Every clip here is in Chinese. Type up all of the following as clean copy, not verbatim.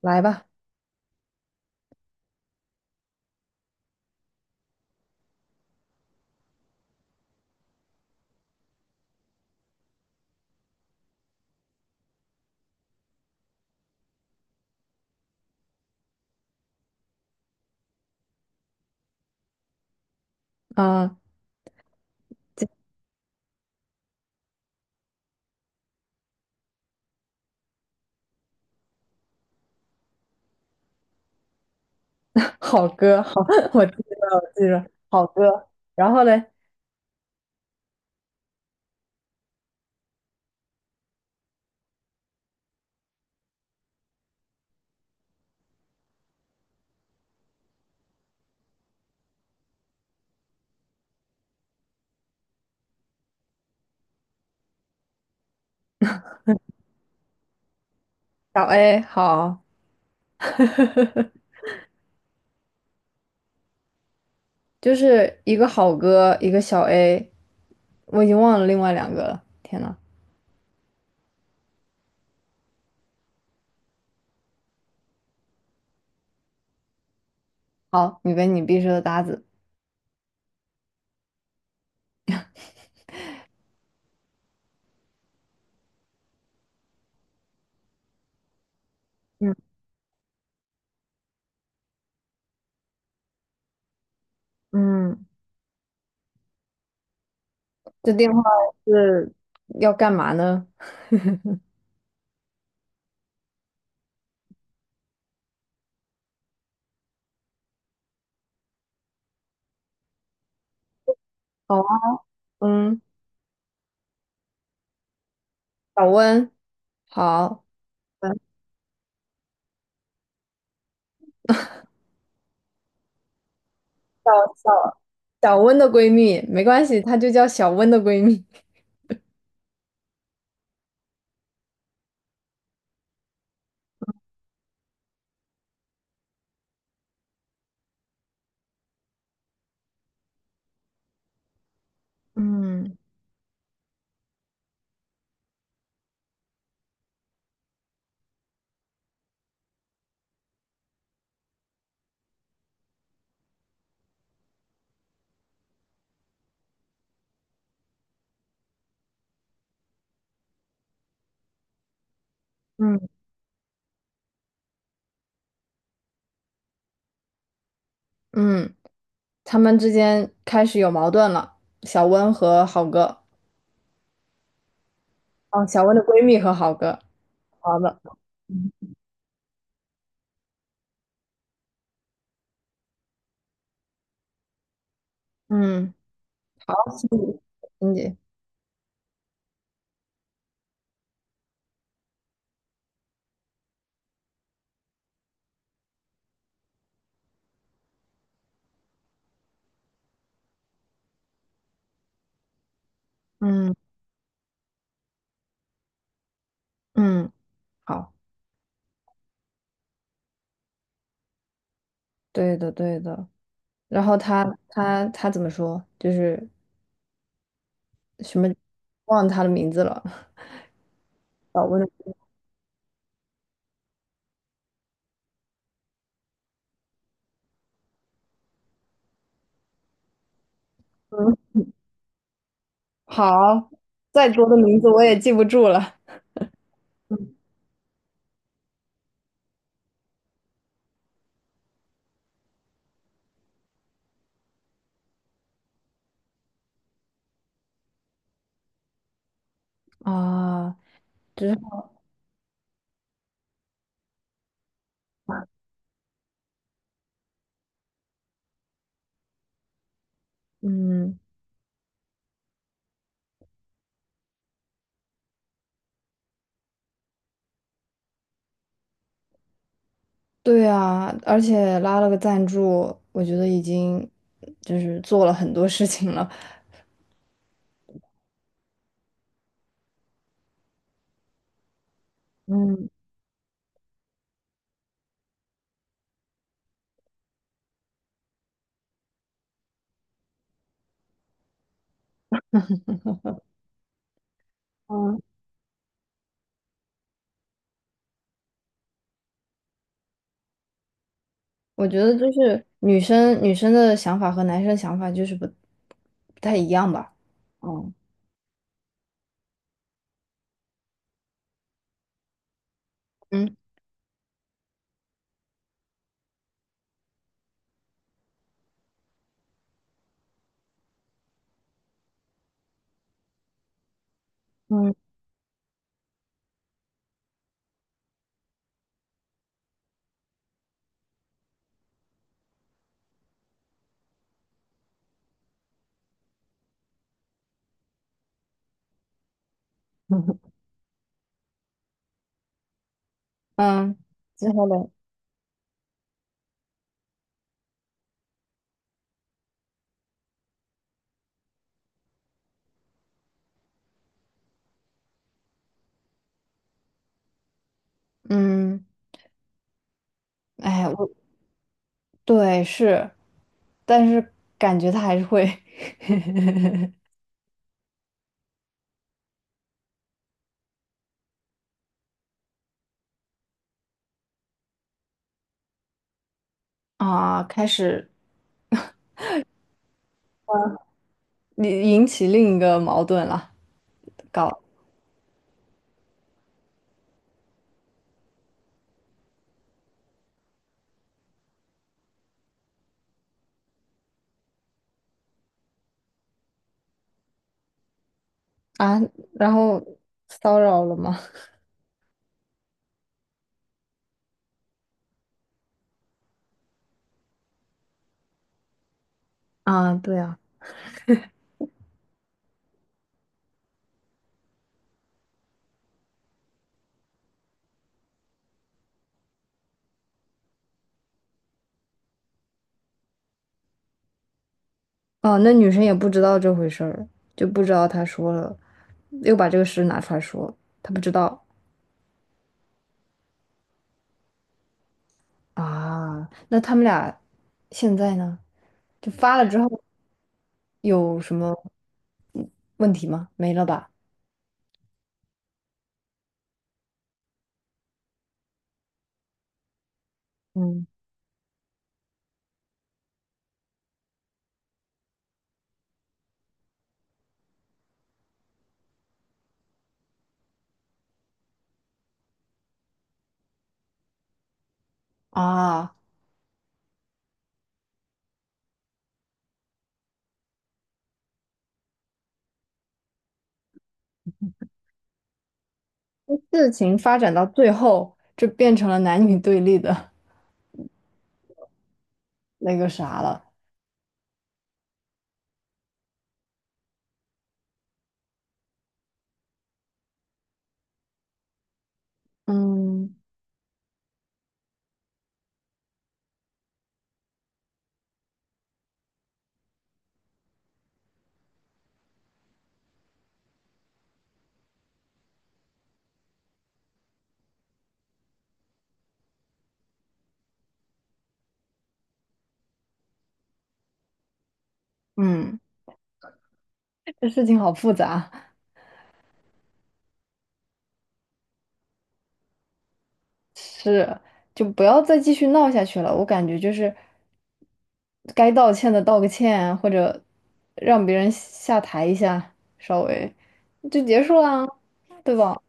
来吧，啊，好哥，好，我记着，我记着，好哥。然后嘞，小 A 好，就是一个好哥，一个小 A，我已经忘了另外两个了。天呐，好，你跟你必须的搭子，嗯嗯，这电话是要干嘛呢？好啊，嗯，小温，好，嗯，小小小温的闺蜜，没关系，她就叫小温的闺蜜。嗯嗯嗯。他们之间开始有矛盾了。小温和好哥，哦，小温的闺蜜和好哥，好的，嗯，好，心理心理，嗯嗯，好，对的对的。然后他怎么说？就是什么，忘了他的名字了。小温的，嗯，好，再多的名字我也记不住了。啊，就是，嗯，对啊，而且拉了个赞助，我觉得已经就是做了很多事情了。嗯嗯，我觉得就是女生的想法和男生想法就是不太一样吧。嗯嗯嗯 嗯之后呢？嗯，哎，我对是，但是感觉他还是会 啊，开始引起另一个矛盾了，搞啊，然后骚扰了吗？啊，对啊。哦，那女生也不知道这回事儿，就不知道他说了，又把这个事拿出来说，他不知道啊。那他们俩现在呢？就发了之后有什么问题吗？没了吧？嗯，啊，事情发展到最后，就变成了男女对立的 那个啥了。嗯，嗯，这事情好复杂，是，就不要再继续闹下去了。我感觉就是。该道歉的道个歉啊，或者让别人下台一下，稍微就结束啦，对吧？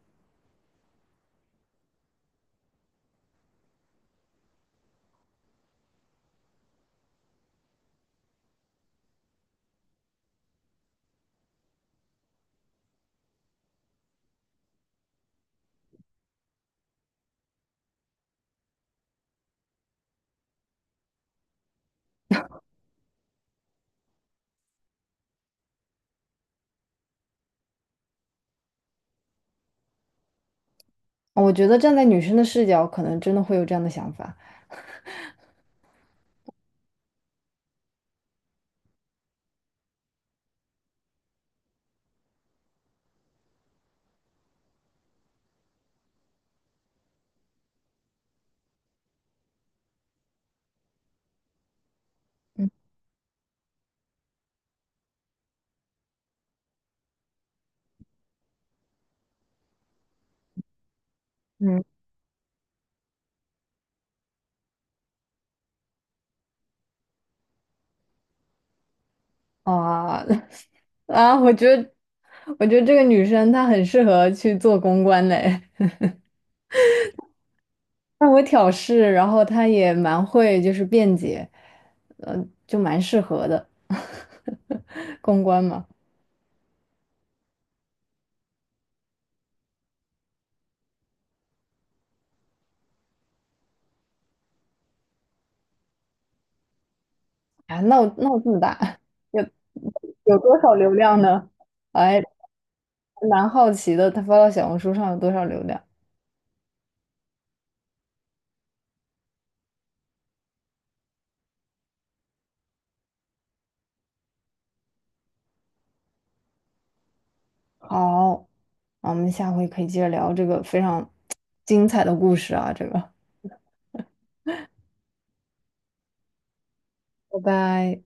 我觉得站在女生的视角，可能真的会有这样的想法。嗯啊 啊，我觉得这个女生她很适合去做公关嘞，她我挑事，然后她也蛮会就是辩解，嗯，就蛮适合的 公关嘛。啊，闹这么大，有有多少流量呢？哎，蛮好奇的，他发到小红书上有多少流量？好，那我们下回可以接着聊这个非常精彩的故事啊，这个，拜拜。